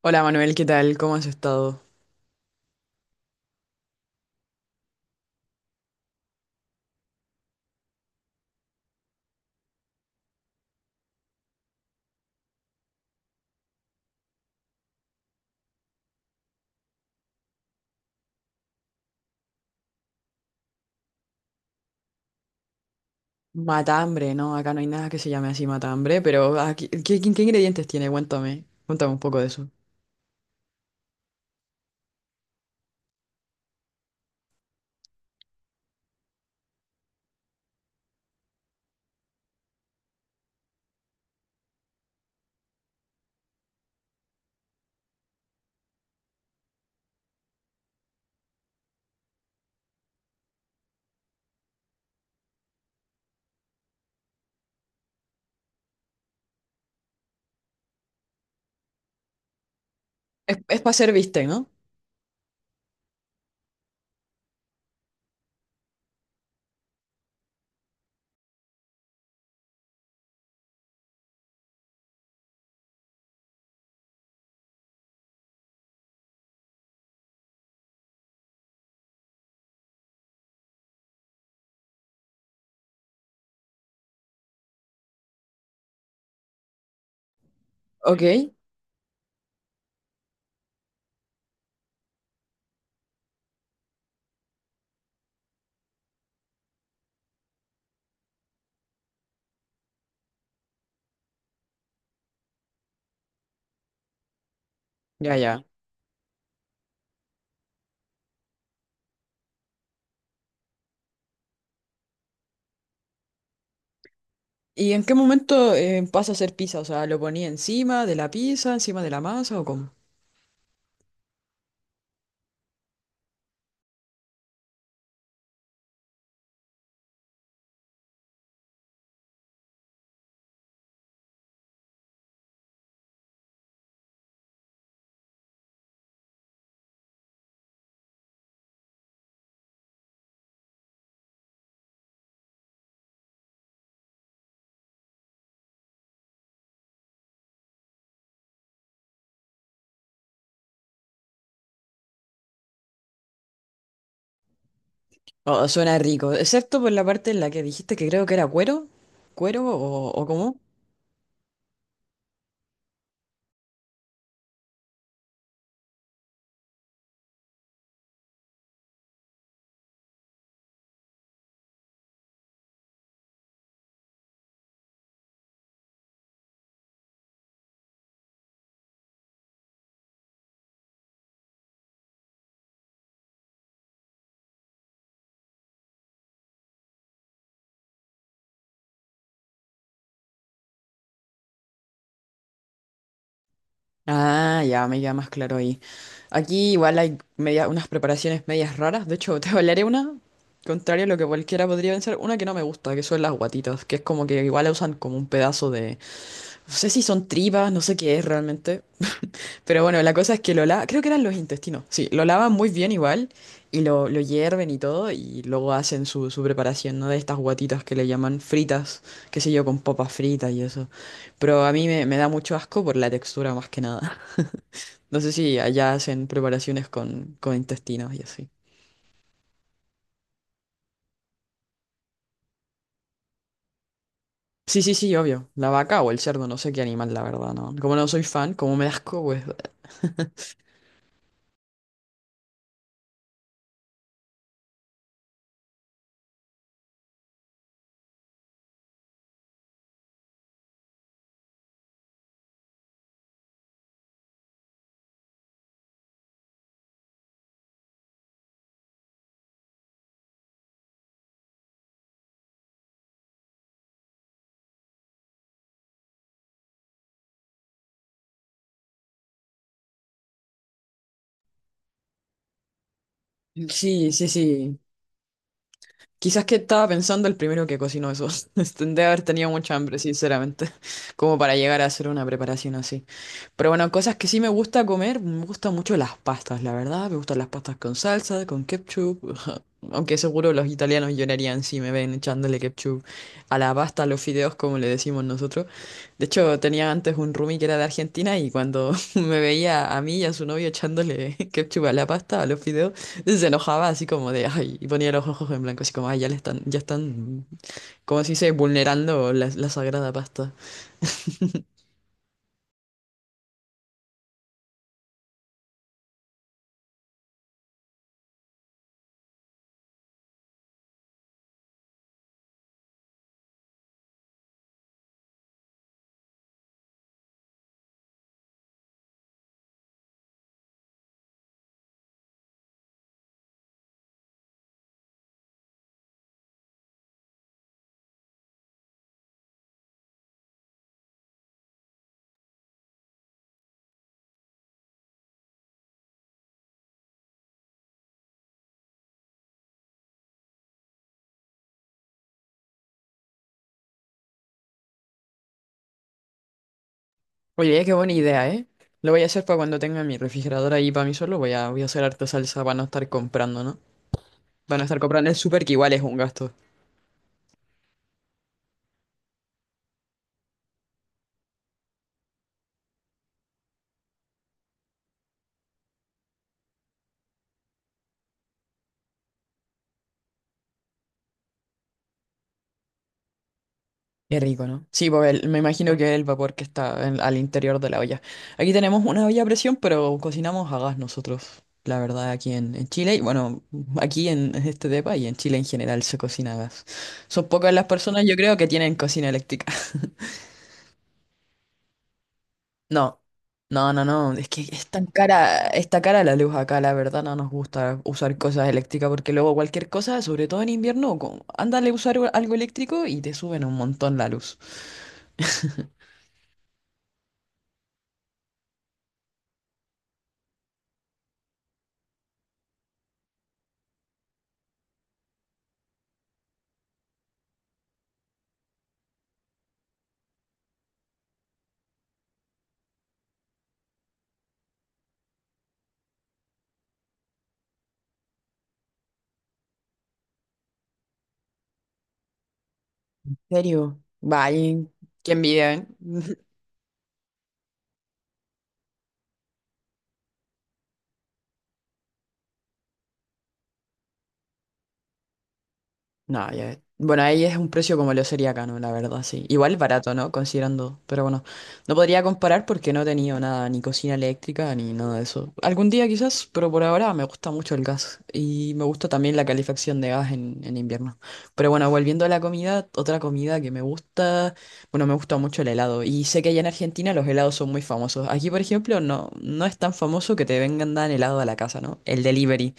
Hola Manuel, ¿qué tal? ¿Cómo has estado? Matambre, ¿no? Acá no hay nada que se llame así matambre, pero ah, ¿qué, qué ingredientes tiene? Cuéntame un poco de eso. Es para hacer bistec, ¿no? Ok, ya, ya. ¿Y en qué momento pasa a ser pizza? O sea, ¿lo ponía encima de la pizza, encima de la masa o cómo? Oh, suena rico, excepto por la parte en la que dijiste que creo que era cuero, cuero o cómo. Ah, ya me queda más claro ahí. Aquí igual hay unas preparaciones medias raras. De hecho, te hablaré una, contrario a lo que cualquiera podría pensar, una que no me gusta, que son las guatitas, que es como que igual la usan como un pedazo de... No sé si son tripas, no sé qué es realmente. Pero bueno, la cosa es que lo lavan, creo que eran los intestinos, sí, lo lavan muy bien igual y lo hierven y todo y luego hacen su preparación, ¿no? De estas guatitas que le llaman fritas, qué sé yo, con papas fritas y eso. Pero a mí me da mucho asco por la textura más que nada. No sé si allá hacen preparaciones con intestinos y así. Sí, sí, sí, obvio. La vaca o el cerdo, no sé qué animal, la verdad, ¿no? Como no soy fan, como me da asco, pues. Sí, sí, sí. Quizás que estaba pensando el primero que cocinó eso. Debe haber tenido mucha hambre, sinceramente, como para llegar a hacer una preparación así. Pero bueno, cosas que sí me gusta comer, me gustan mucho las pastas, la verdad. Me gustan las pastas con salsa, con ketchup. Aunque seguro los italianos llorarían si me ven echándole ketchup a la pasta, a los fideos, como le decimos nosotros. De hecho, tenía antes un roomie que era de Argentina y cuando me veía a mí y a su novio echándole ketchup a la pasta, a los fideos, se enojaba así como de, ay, y ponía los ojos en blanco, así como, ay, ya le están, ya están, como si se dice, vulnerando la sagrada pasta. Oye, qué buena idea, ¿eh? Lo voy a hacer para cuando tenga mi refrigerador ahí para mí solo. Voy a hacer harta salsa para no estar comprando, ¿no? Para no estar comprando en el súper, que igual es un gasto. Qué rico, ¿no? Sí, porque el- me imagino que el vapor que está en- al interior de la olla. Aquí tenemos una olla a presión, pero cocinamos a gas nosotros, la verdad, aquí en Chile. Y bueno, aquí en este depa y en Chile en general se cocina a gas. Son pocas las personas, yo creo, que tienen cocina eléctrica. No, no, es que es tan cara, está cara la luz acá, la verdad no nos gusta usar cosas eléctricas porque luego cualquier cosa, sobre todo en invierno, co- ándale a usar u- algo eléctrico y te suben un montón la luz. ¿En serio? Vaya, qué envidia, ¿eh? No, ya- Bueno, ahí es un precio como lo sería acá, ¿no? La verdad, sí. Igual barato, ¿no? Considerando. Pero bueno, no podría comparar porque no he tenido nada, ni cocina eléctrica, ni nada de eso. Algún día quizás, pero por ahora me gusta mucho el gas. Y me gusta también la calefacción de gas en invierno. Pero bueno, volviendo a la comida, otra comida que me gusta, bueno, me gusta mucho el helado. Y sé que allá en Argentina los helados son muy famosos. Aquí, por ejemplo, no, no es tan famoso que te vengan dan helado a la casa, ¿no? El delivery.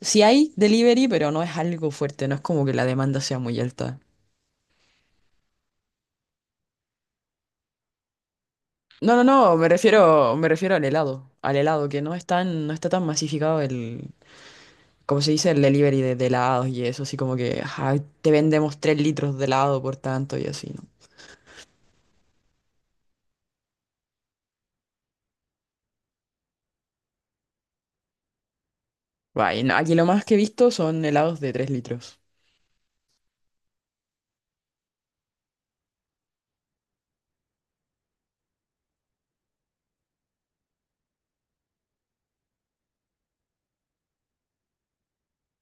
Sí hay delivery, pero no es algo fuerte, no es como que la demanda sea muy alta. No, no, no, me refiero al helado, que no es tan, no está tan masificado el, como se dice, el delivery de helados y eso, así como que ajá, te vendemos 3 litros de helado por tanto y así, ¿no? Bah, y no, aquí lo más que he visto son helados de 3 litros.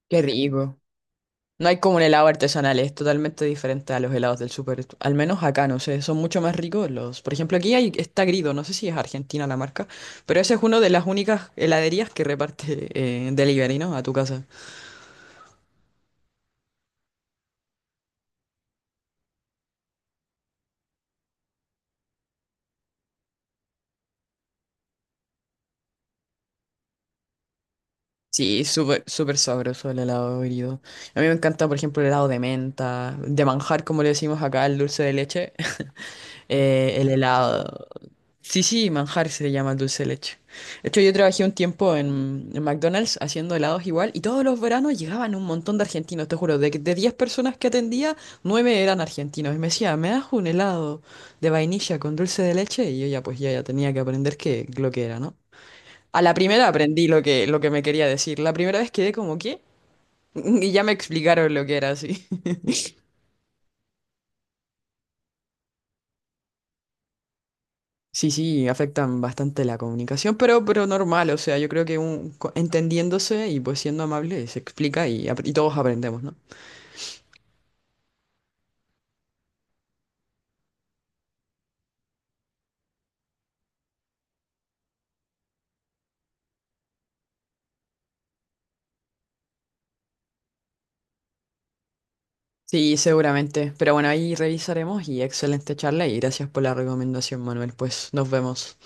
Qué rico. No hay como un helado artesanal, es totalmente diferente a los helados del súper. Al menos acá, no sé, son mucho más ricos los. Por ejemplo, aquí hay, está Grido, no sé si es Argentina la marca, pero esa es una de las únicas heladerías que reparte delivery, ¿no? A tu casa. Sí, súper, súper sabroso el helado Grido. A mí me encanta, por ejemplo, el helado de menta, de manjar, como le decimos acá, el dulce de leche, el helado. Sí, sí, manjar se le llama el dulce de leche. De hecho, yo trabajé un tiempo en McDonald's haciendo helados igual y todos los veranos llegaban un montón de argentinos, te juro, de 10 personas que atendía, 9 eran argentinos y me decía, ¿me das un helado de vainilla con dulce de leche? Y yo ya pues ya, ya tenía que aprender qué, lo que era, ¿no? A la primera aprendí lo que me quería decir, la primera vez quedé como, ¿qué? Y ya me explicaron lo que era así. Sí, sí, afectan bastante la comunicación, pero normal, o sea, yo creo que un, co- entendiéndose y pues siendo amable se explica ap- y todos aprendemos, ¿no? Sí, seguramente, pero bueno, ahí revisaremos y excelente charla y gracias por la recomendación, Manuel, pues nos vemos.